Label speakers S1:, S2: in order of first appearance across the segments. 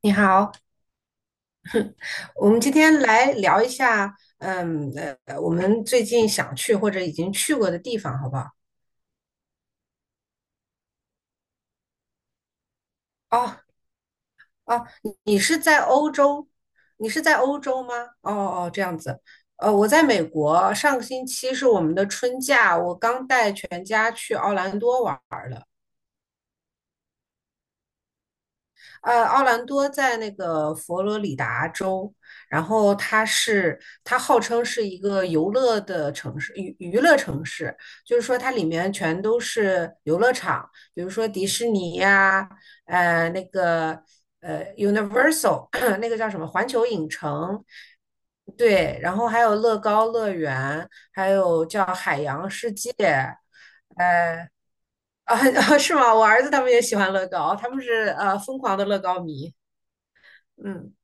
S1: 你好，我们今天来聊一下，嗯我们最近想去或者已经去过的地方，好不好？哦哦，你是在欧洲？你是在欧洲吗？哦哦，这样子。我在美国，上个星期是我们的春假，我刚带全家去奥兰多玩。奥兰多在那个佛罗里达州，然后它号称是一个游乐的城市，娱乐城市，就是说它里面全都是游乐场，比如说迪士尼呀、呃那个Universal 那个叫什么环球影城，对，然后还有乐高乐园，还有叫海洋世界，呃啊 是吗？我儿子他们也喜欢乐高，他们是疯狂的乐高迷。嗯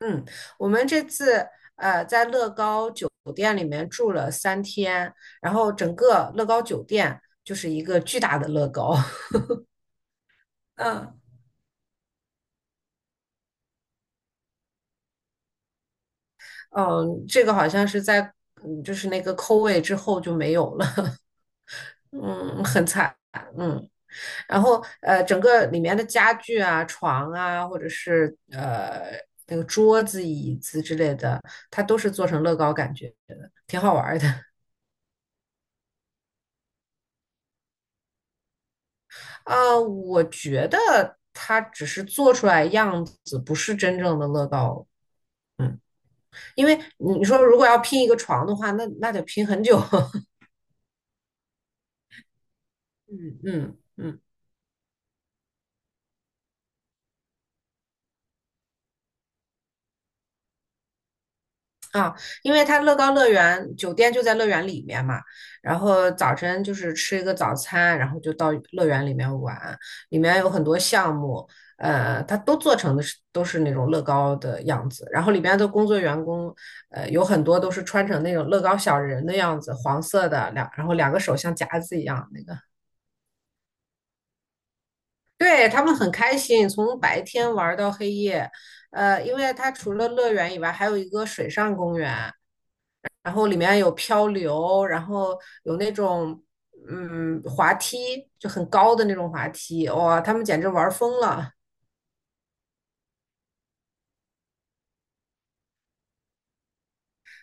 S1: 嗯，我们这次在乐高酒店里面住了3天，然后整个乐高酒店就是一个巨大的乐高。嗯嗯，这个好像是在就是那个扣位之后就没有了，嗯，很惨。嗯，然后整个里面的家具啊、床啊，或者是那个桌子、椅子之类的，它都是做成乐高感觉的，挺好玩儿的。我觉得它只是做出来样子，不是真正的乐高。嗯，因为你说如果要拼一个床的话，那得拼很久。嗯嗯嗯。啊，因为它乐高乐园酒店就在乐园里面嘛，然后早晨就是吃一个早餐，然后就到乐园里面玩，里面有很多项目，它都做成的是都是那种乐高的样子，然后里面的工作员工，有很多都是穿成那种乐高小人的样子，黄色的然后两个手像夹子一样那个，对，他们很开心，从白天玩到黑夜，因为它除了乐园以外，还有一个水上公园。然后里面有漂流，然后有那种滑梯，就很高的那种滑梯，哇，他们简直玩疯了。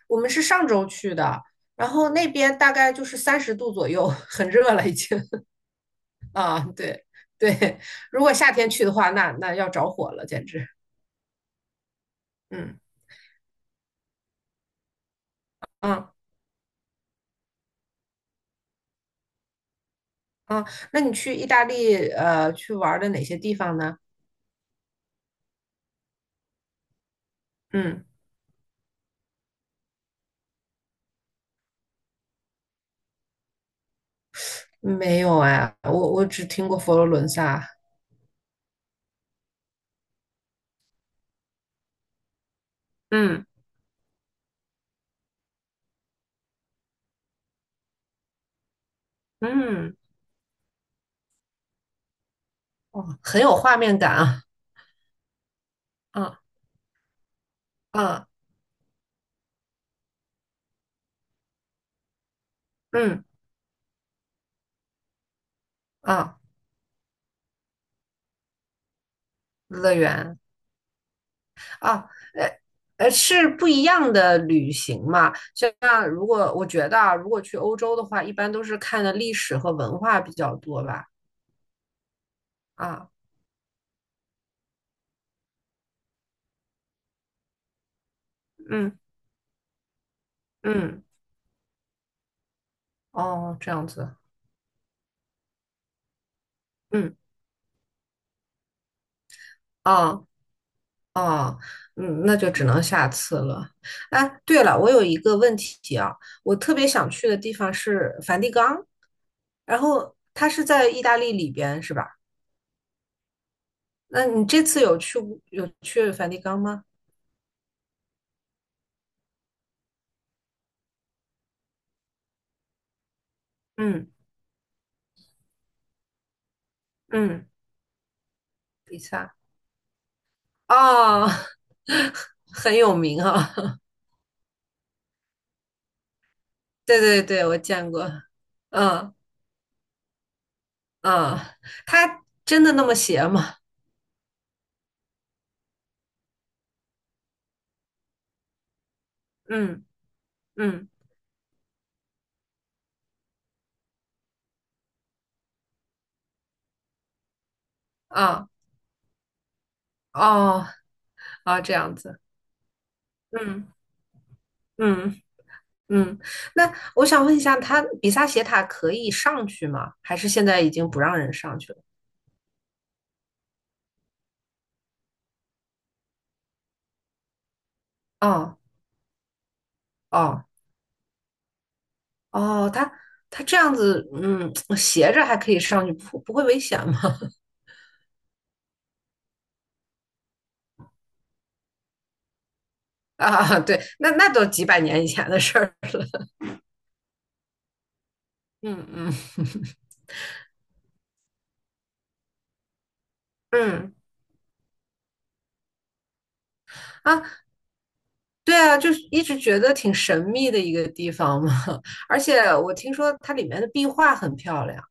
S1: 我们是上周去的，然后那边大概就是30度左右，很热了已经 啊，对对，如果夏天去的话，那要着火了，简直，嗯啊啊，那你去意大利去玩的哪些地方呢？嗯，没有哎，我只听过佛罗伦萨，嗯嗯。哦，很有画面感啊！嗯嗯嗯嗯，乐园啊，呃是不一样的旅行嘛。就像如果我觉得啊，如果去欧洲的话，一般都是看的历史和文化比较多吧。啊，嗯嗯，哦，这样子，嗯，啊啊嗯，那就只能下次了。哎，对了，我有一个问题啊，我特别想去的地方是梵蒂冈，然后它是在意大利里边，是吧？那你这次有去梵蒂冈吗？嗯嗯，比萨哦，很有名啊、哦 对对对，我见过。嗯嗯，他真的那么邪吗？嗯嗯啊哦啊，这样子。嗯嗯嗯，那我想问一下，他比萨斜塔可以上去吗？还是现在已经不让人上去了？哦哦哦，它这样子，嗯，斜着还可以上去，不会危险吗？啊，对，那都几百年以前的事儿。嗯嗯嗯，啊，对啊，就是一直觉得挺神秘的一个地方嘛。而且我听说它里面的壁画很漂亮，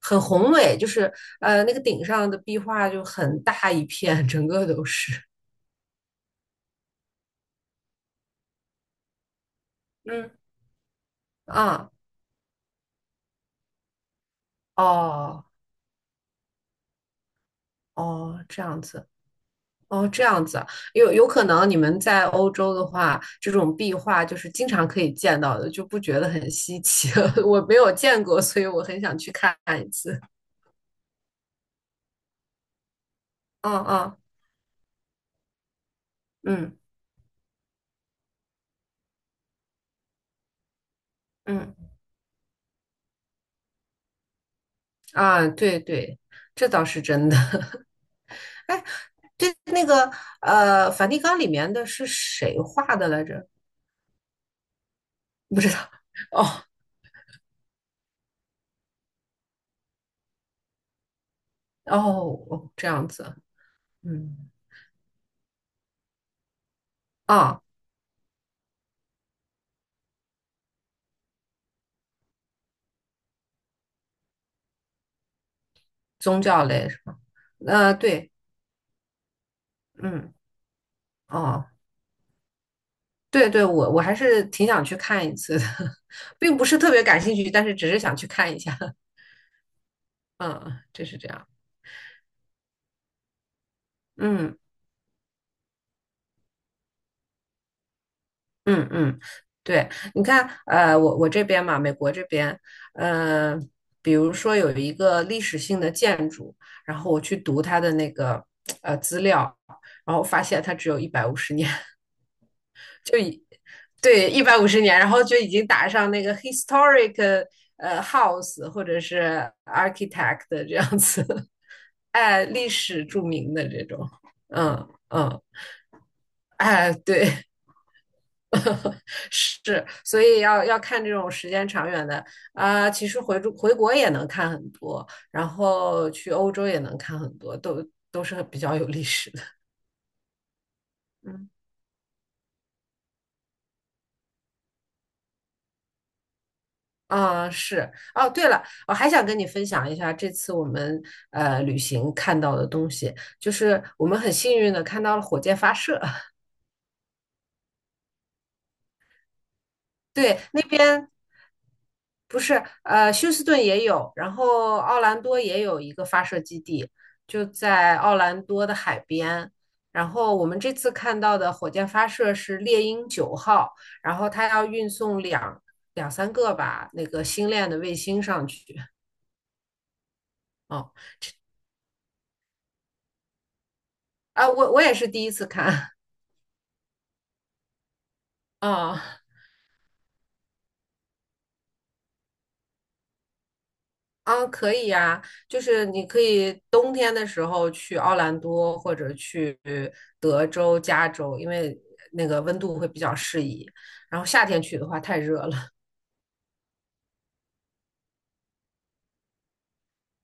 S1: 很宏伟，就是那个顶上的壁画就很大一片，整个都是。嗯啊，哦哦，这样子。哦，这样子啊有可能你们在欧洲的话，这种壁画就是经常可以见到的，就不觉得很稀奇。我没有见过，所以我很想去看一次。嗯嗯嗯嗯啊，对对，这倒是真的。哎，对，那个梵蒂冈里面的是谁画的来着？不知道。哦哦哦，这样子。嗯啊，宗教类是吧？对，嗯哦。对对，我还是挺想去看一次的，并不是特别感兴趣，但是只是想去看一下。嗯，就是这样。嗯嗯嗯，对，你看，我这边嘛，美国这边，呃，比如说有一个历史性的建筑，然后我去读它的那个资料，然后发现它只有一百五十年，就对，150年，然后就已经打上那个 historic house 或者是 architect 这样子，哎，历史著名的这种，嗯嗯，哎，对，是，所以要看这种时间长远的啊、其实回国也能看很多，然后去欧洲也能看很多，都是比较有历史的，嗯。啊，是哦。对了，我还想跟你分享一下这次我们旅行看到的东西，就是我们很幸运的看到了火箭发射。对，那边不是休斯顿也有，然后奥兰多也有一个发射基地，就在奥兰多的海边。然后我们这次看到的火箭发射是猎鹰9号，然后它要运送两三个吧那个星链的卫星上去。哦，啊，我也是第一次看。啊啊，可以呀，就是你可以冬天的时候去奥兰多或者去德州、加州，因为那个温度会比较适宜。然后夏天去的话太热了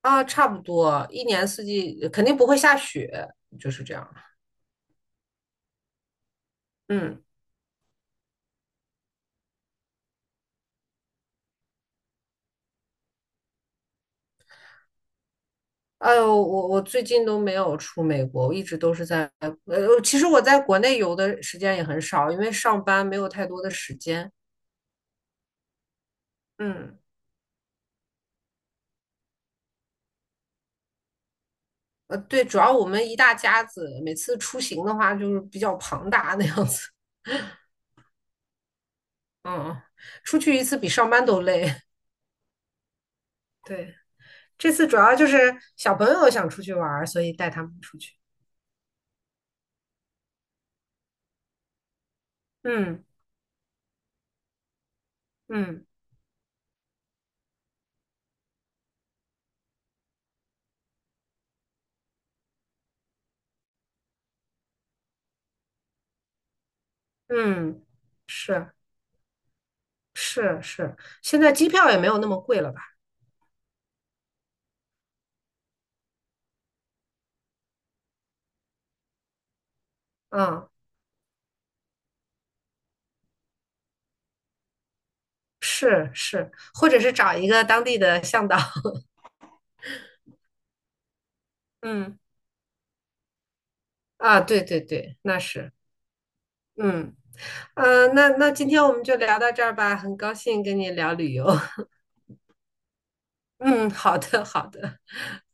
S1: 啊，差不多一年四季肯定不会下雪，就是这样。嗯，哎呦，我最近都没有出美国，我一直都是在其实我在国内游的时间也很少，因为上班没有太多的时间。嗯。对，主要我们一大家子，每次出行的话就是比较庞大那样子。嗯，出去一次比上班都累。对，这次主要就是小朋友想出去玩儿，所以带他们出去。嗯嗯嗯，是是是，现在机票也没有那么贵了吧？嗯，是是，或者是找一个当地的向导。嗯啊，对对对，那是。嗯那今天我们就聊到这儿吧，很高兴跟你聊旅游。嗯，好的，好的，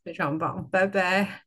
S1: 非常棒，拜拜。